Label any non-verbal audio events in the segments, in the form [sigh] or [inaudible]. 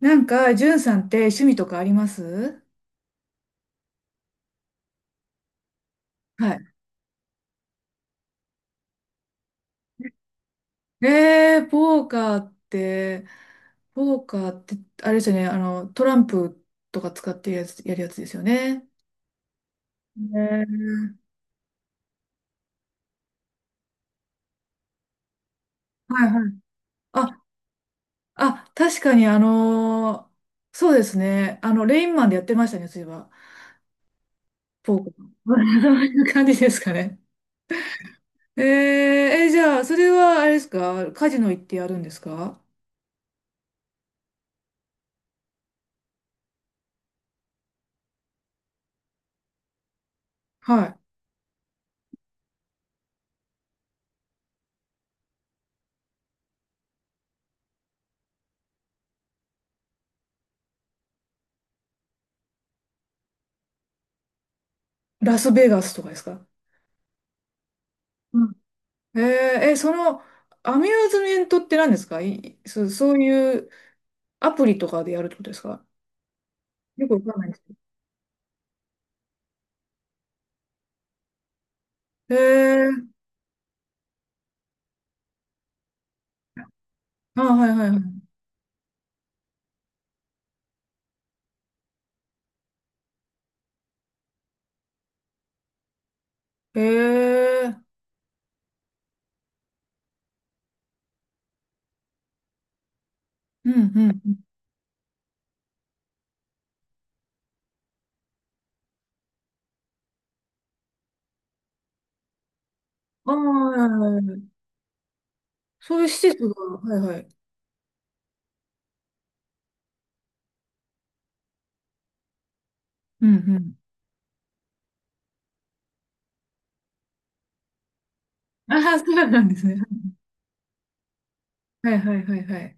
なんか、じゅんさんって趣味とかあります？はい。ポーカーって、あれですよね、トランプとか使ってやつ、やるやつですよね。ねー。はいはい。あ、あ、確かに、そうですね、あの、レインマンでやってましたね、そういえば、ポーカー。[laughs] そういう感じですかね。え、じゃあ、それは、あれですか、カジノ行ってやるんですか？はい。ラスベガスとかですか？えー、え、その、アミューズメントって何ですか？い、そういうアプリとかでやるってことですか？よくわかんないですけど。あ、はいはいはい。えー、うんうん。ああ、はいはいはい。そういう施設が、はいはい。うんうん。ああ、そうなんですね。はいはいはいはい。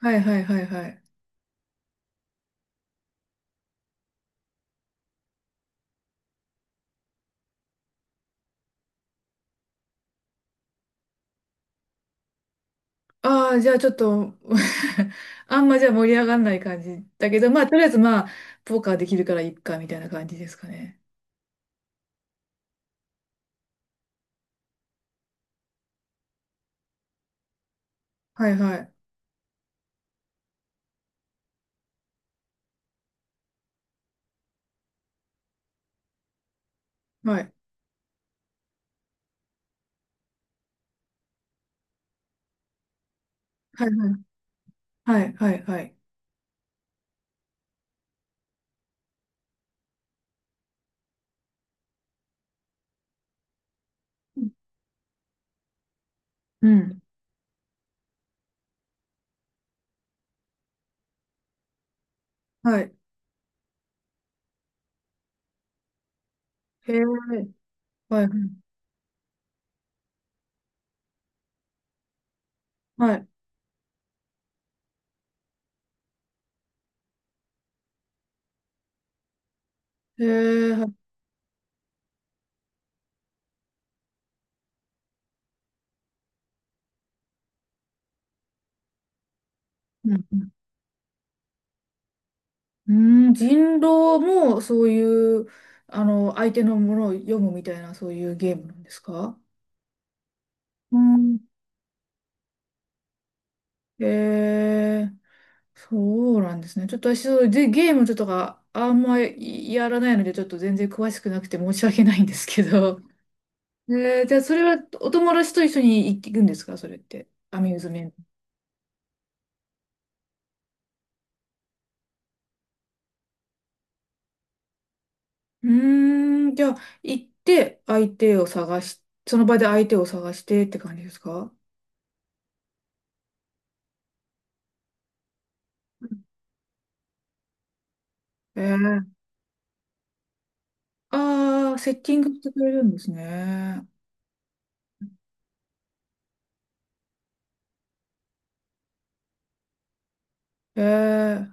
はいはいはいはい。ああ、じゃあちょっと [laughs] あんまじゃあ盛り上がんない感じだけど、まあ、とりあえずまあ、ポーカーできるからいっか、みたいな感じですかね。はいはい。はい。はいはい、はい、はい。うん。はい。へえ、はい、はい。へえ、はい。うん。うんうん、人狼もそういう、あの、相手のものを読むみたいな、そういうゲームなんですか？うん。へえ、そうなんですね。ちょっと私、そうで、ゲームとか、あんまりやらないので、ちょっと全然詳しくなくて申し訳ないんですけど。じゃあ、それはお友達と一緒に行くんですか？それって。アミューズメント。うーん、じゃあ、行って相手を探し、その場で相手を探してって感じですか？ええ。ああー、セッティングしてくれるんですね。ええ。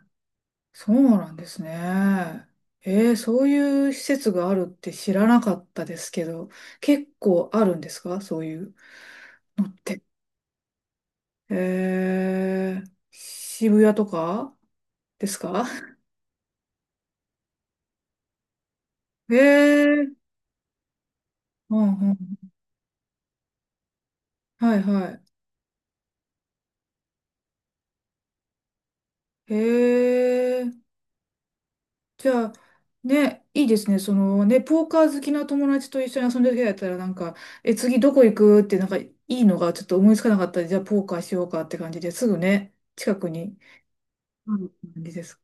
そうなんですね。ええ。そういう施設があるって知らなかったですけど、結構あるんですか？そういうのって。ええ。渋谷とかですか？ [laughs] ええ。うんうん。はいはい。ええ。じゃあ、ね、いいですね。そのね、ポーカー好きな友達と一緒に遊んでる人だったら、なんか、え、次どこ行くって、なんか、いいのがちょっと思いつかなかったら、じゃあ、ポーカーしようかって感じですぐね、近くにある感じですか。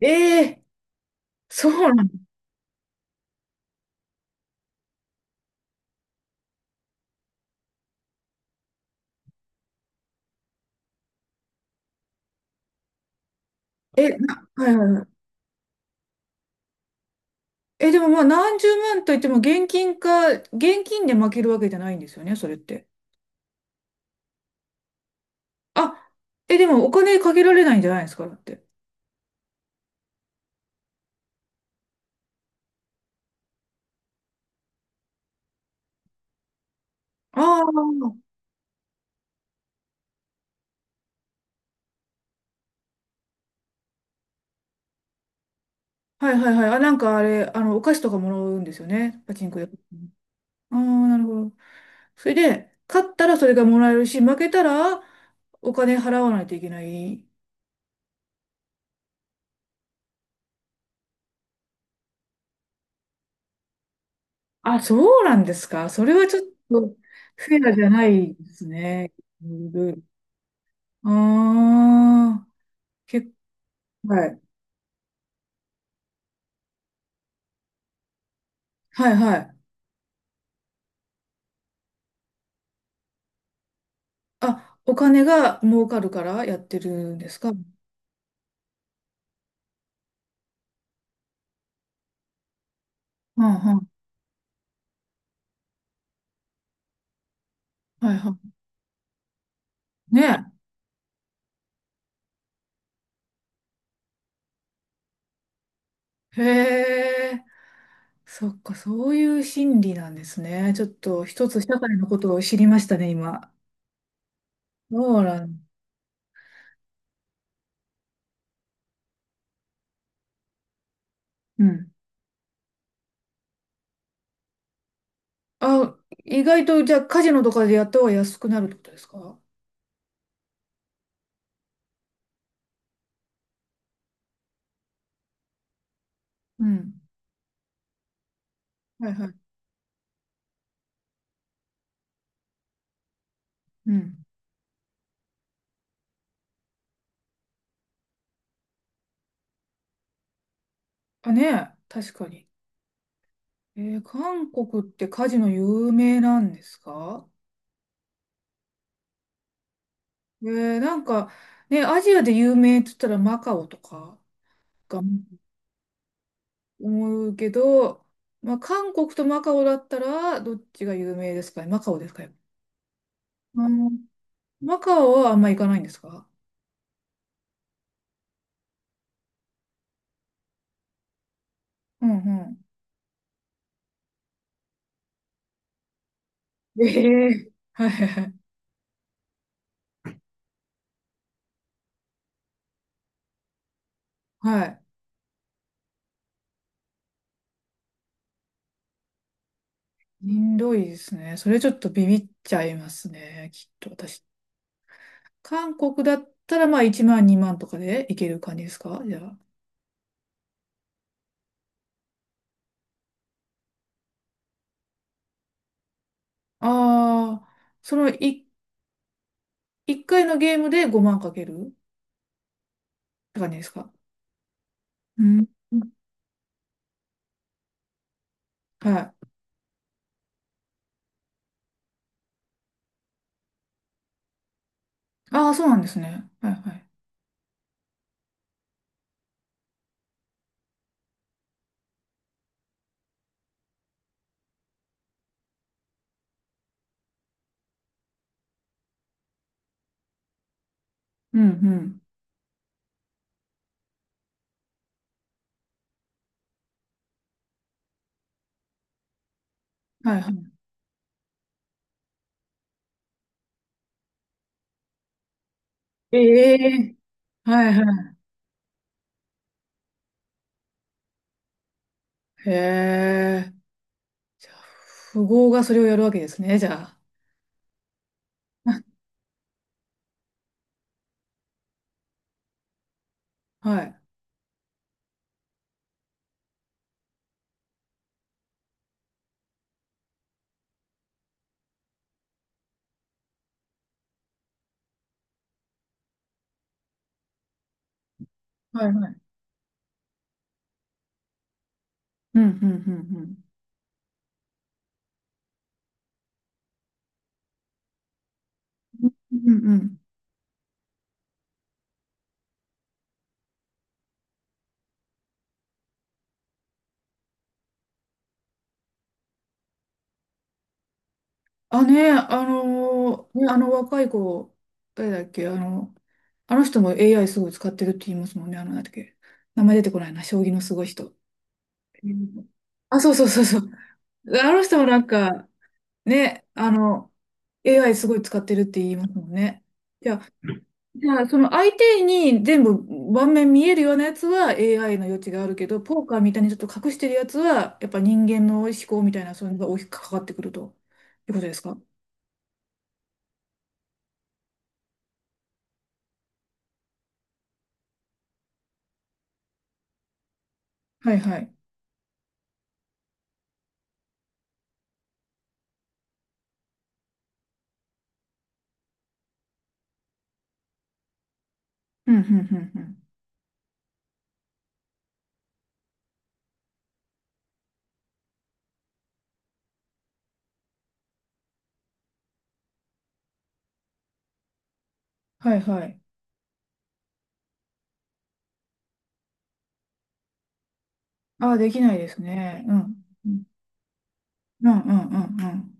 ええ。そうなんだ。え、な、はいはいはい。え、でもまあ、何十万といっても、現金で負けるわけじゃないんですよね、それって。あ、え、でも、お金かけられないんじゃないですか、だって。ああ、はいはいはい。あ、なんかあれ、あの、お菓子とかもらうんですよね、パチンコで。ああ、なるほど。それで、勝ったらそれがもらえるし、負けたらお金払わないといけない。あ、そうなんですか。それはちょっとフェアじゃないですね。ああー、結構、はい。はいはい。あ、お金が儲かるからやってるんですか。うんうん。はいはい。ね。へえ。そっか、そういう心理なんですね。ちょっと一つ社会のことを知りましたね、今。そうなん。うん。あ、意外と、じゃあ、カジノとかでやった方が安くなるってことですか？うん。はいはい。うん。あ、ねえ、確かに。韓国ってカジノ有名なんですか？えなんか、ね、アジアで有名って言ったらマカオとかが思うけど、まあ、韓国とマカオだったら、どっちが有名ですかね？マカオですかね？うん。マカオはあんま行かないんですか？うん。うん。ええ。はいはいはい。はい。しんどいですね。それちょっとビビっちゃいますね。きっと私。韓国だったらまあ1万2万とかでいける感じですか、じゃあ。ああ、その1、一回のゲームで5万かけるって感じですか？うん。はい。ああ、そうなんですね。はいはい。うんうん。はいはい。ええ。はいはい。へえ。じゃあ、富豪がそれをやるわけですね。じゃあ。はい。はいはい。うんうんうんうん。うんうんうん。あ、ね、あの若い子、誰だっけ、あの、あの人も AI すごい使ってるって言いますもんね、あの、なんだっけ。名前出てこないな、将棋のすごい人。うん。あ、そうそうそうそう。あの人もなんか、ね、あの、AI すごい使ってるって言いますもんね。じゃあ、その相手に全部盤面見えるようなやつは AI の余地があるけど、ポーカーみたいにちょっと隠してるやつは、やっぱ人間の思考みたいな、そういうのが大きく関わってくるということですか？はいはい。うん、うん、うん、うん。はい、はい。ああ、できないですね。うん。うん、うん、うん、うん。うん